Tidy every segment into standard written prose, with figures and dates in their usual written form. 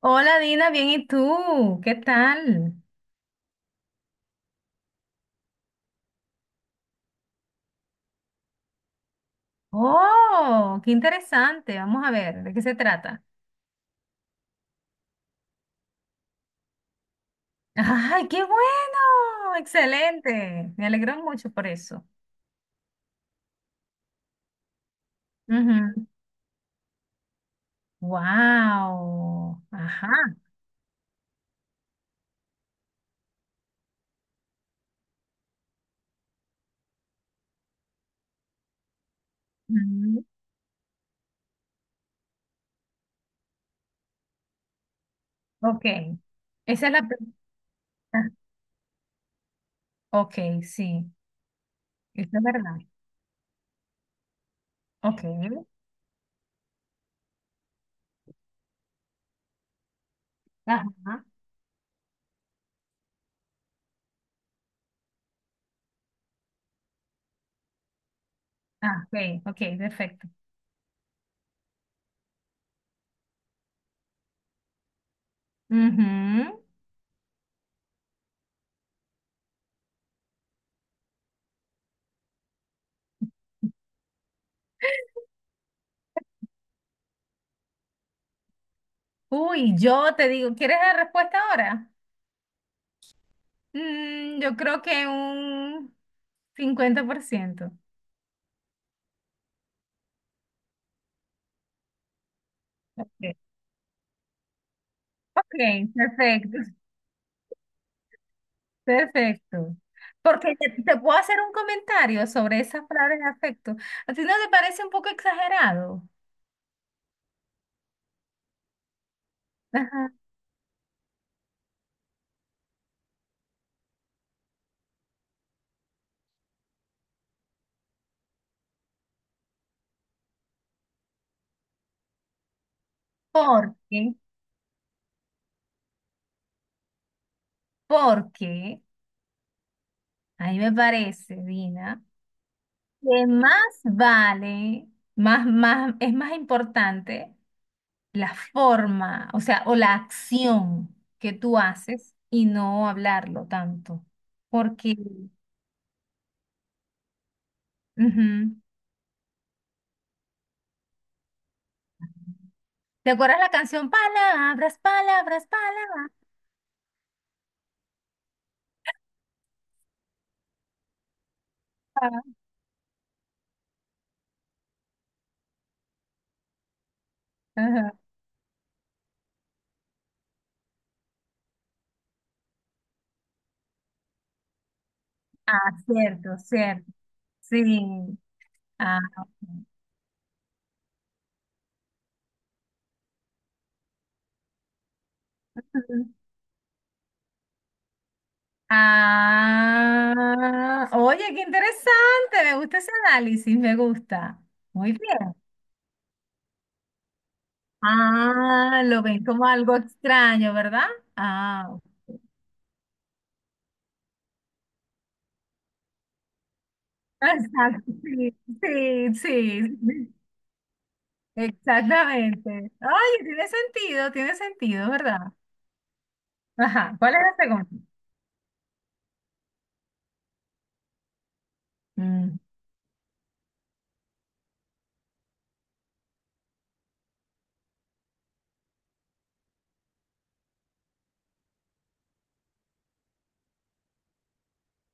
Hola Dina, bien, ¿y tú? ¿Qué tal? Oh, qué interesante. Vamos a ver, ¿de qué se trata? ¡Ay, qué bueno! Excelente. Me alegro mucho por eso. Wow. Ajá. Ujú. Ok. Esa es la pregunta. Ok, sí. Eso es verdad. Ok. Ajá. Ah, ok, ok, perfecto. Ujú. Uy, yo te digo, ¿quieres la respuesta ahora? Mm, yo creo que un 50%. Ok, ok, perfecto, perfecto. Porque te puedo hacer un comentario sobre esas palabras de afecto. ¿A ti no te parece un poco exagerado? Ajá. ¿Por qué? Porque a mí me parece, Dina, que más vale, más, es más importante la forma, o sea, o la acción que tú haces y no hablarlo tanto. Porque, Ujú. ¿Te acuerdas la canción Palabras, palabras, palabras? Ajá. Ah, cierto, cierto. Sí. Ah, ujú. Ah, oye, qué interesante. Me gusta ese análisis, me gusta. Muy bien. Ah, lo ven como algo extraño, ¿verdad? Ah, ok. Exacto, sí, sí, sí, sí, exactamente. Ay, tiene sentido, ¿verdad? Ajá, ¿cuál es la segunda? Mm,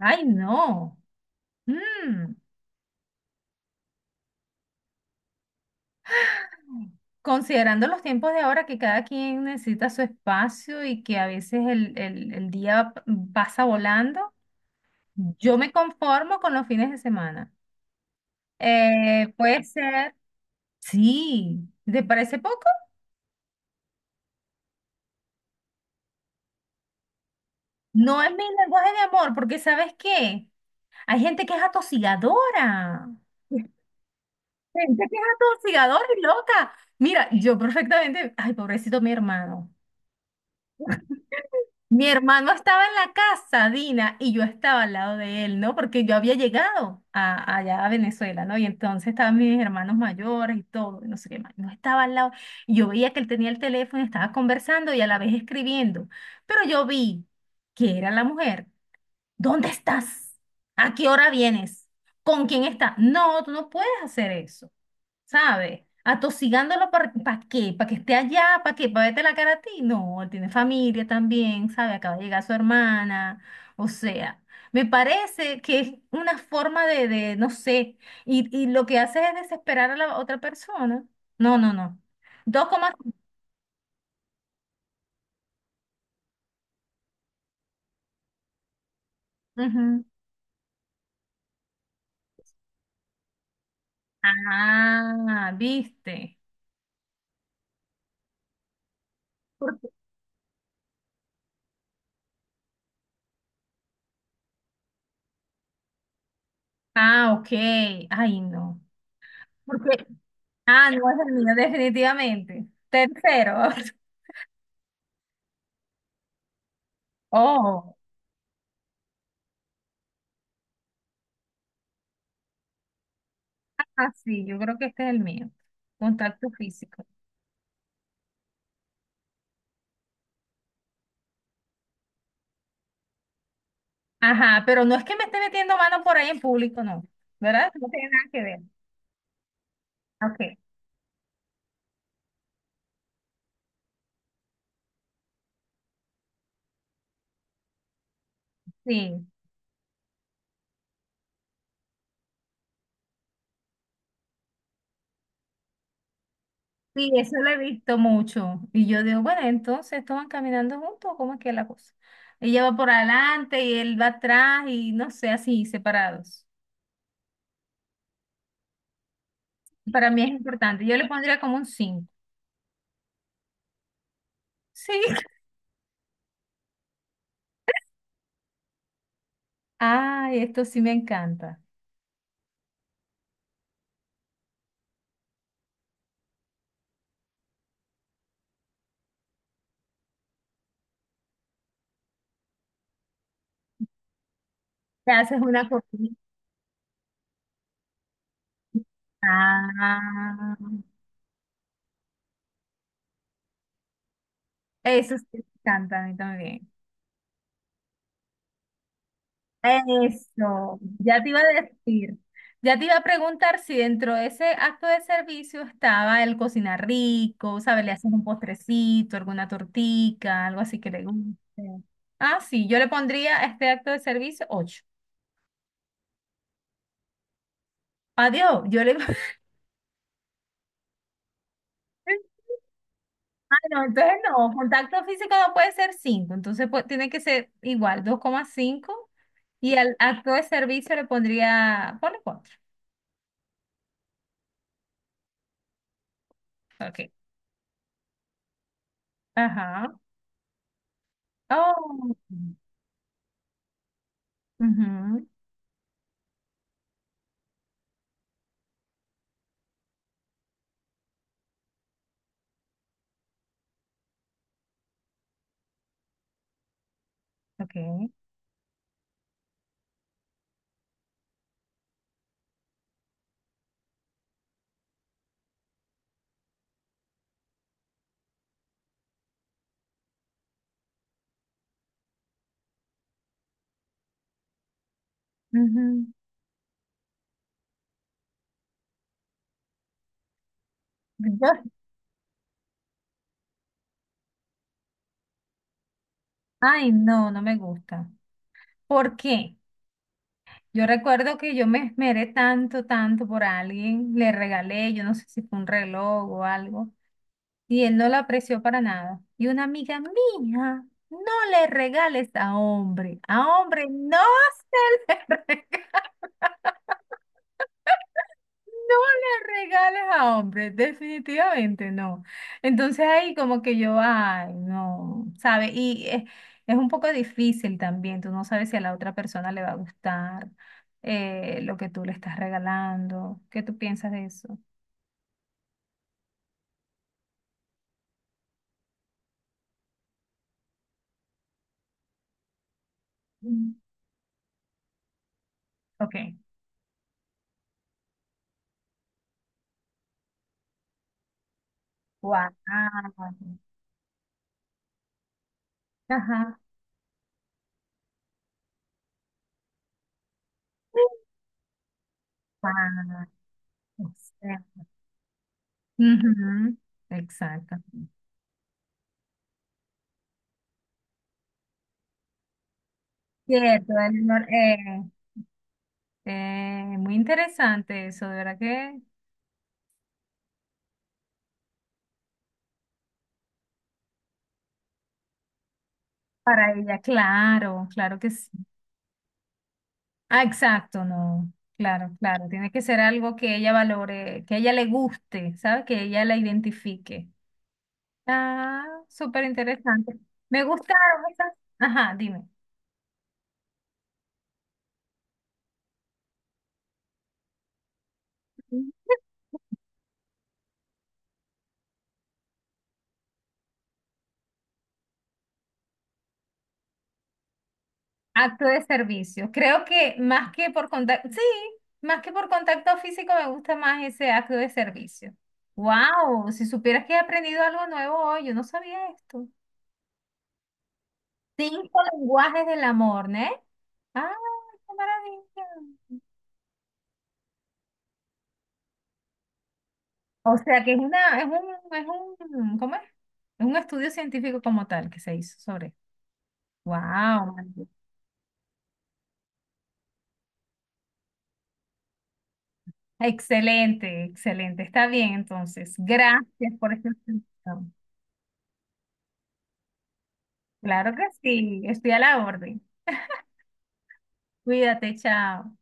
ay, no. Mm, considerando los tiempos de ahora que cada quien necesita su espacio y que a veces el día pasa volando, yo me conformo con los fines de semana. Puede ser, sí, ¿te parece poco? No es mi lenguaje de amor, porque ¿sabes qué? Hay gente que es atosigadora. Gente que es atosigadora y loca. Mira, yo perfectamente, ay, pobrecito mi hermano. Mi hermano estaba en la casa, Dina, y yo estaba al lado de él, ¿no? Porque yo había llegado a, allá a Venezuela, ¿no? Y entonces estaban mis hermanos mayores y todo, y no sé qué más. No estaba al lado. Y yo veía que él tenía el teléfono, y estaba conversando y a la vez escribiendo. Pero yo vi que era la mujer. ¿Dónde estás? ¿A qué hora vienes? ¿Con quién estás? No, tú no puedes hacer eso, ¿sabes? Atosigándolo ¿para qué? ¿Para que esté allá? ¿Para qué? ¿Para verte la cara a ti? No, él tiene familia también, ¿sabes? Acaba de llegar su hermana. O sea, me parece que es una forma de no sé, y lo que hace es desesperar a la otra persona. No, no, no. Dos comas. Ujú. Ah, ¿viste? Ah, ok. Ay, no. Porque, ah, no es el mío, definitivamente. Tercero. Oh, ah, sí, yo creo que este es el mío. Contacto físico. Ajá, pero no es que me esté metiendo mano por ahí en público, no. ¿Verdad? No tiene nada que ver. Ok, sí. Sí, eso lo he visto mucho. Y yo digo, bueno, entonces, ¿estos van caminando juntos? ¿Cómo es que es la cosa? Ella va por adelante y él va atrás y no sé, así, separados. Para mí es importante. Yo le pondría como un cinco. Sí. Ay, esto sí me encanta. Te haces una comida. Ah, eso sí me encanta a mí también. Eso, ya te iba a decir, ya te iba a preguntar si dentro de ese acto de servicio estaba el cocinar rico, ¿sabes? Le haces un postrecito, alguna tortica, algo así que le guste. Ah, sí, yo le pondría a este acto de servicio 8. Adiós, yo le... Ah, no, entonces no, contacto físico no puede ser 5 entonces pues, tiene que ser igual, 2,5, y al acto de servicio le pondría, ponle cuatro. Ok. Ajá. Oh. Ujú. Ok. Ujú. Yo- ay, no, no me gusta. ¿Por qué? Yo recuerdo que yo me esmeré tanto, tanto por alguien, le regalé, yo no sé si fue un reloj o algo, y él no la apreció para nada. Y una amiga mía, no le regales a hombre. A hombre no se le regala. No le regales a hombre, definitivamente no. Entonces ahí como que yo, ay, no, ¿sabe? Y es un poco difícil también, tú no sabes si a la otra persona le va a gustar lo que tú le estás regalando. ¿Qué tú piensas de eso? Mm. Ok. Wow. Ajá. Ah, exacto. Ujú, exacto. Cierto, Eleanor. Muy interesante eso, de verdad que para ella, claro, claro que sí. Ah, exacto, no. Claro, claro. Tiene que ser algo que ella valore, que a ella le guste, ¿sabes? Que ella la identifique. Ah, súper interesante. Me gustaron esas. Ajá, dime. Acto de servicio. Creo que más que por contacto, sí, más que por contacto físico me gusta más ese acto de servicio. Wow, si supieras que he aprendido algo nuevo hoy, yo no sabía esto. Cinco lenguajes del amor, ¿no? Ah, qué maravilla. O sea que es una, es un, ¿cómo es? Es un estudio científico como tal que se hizo sobre. Wow, excelente, excelente. Está bien, entonces. Gracias por esta explicación. Claro que sí, estoy a la orden. Cuídate, chao.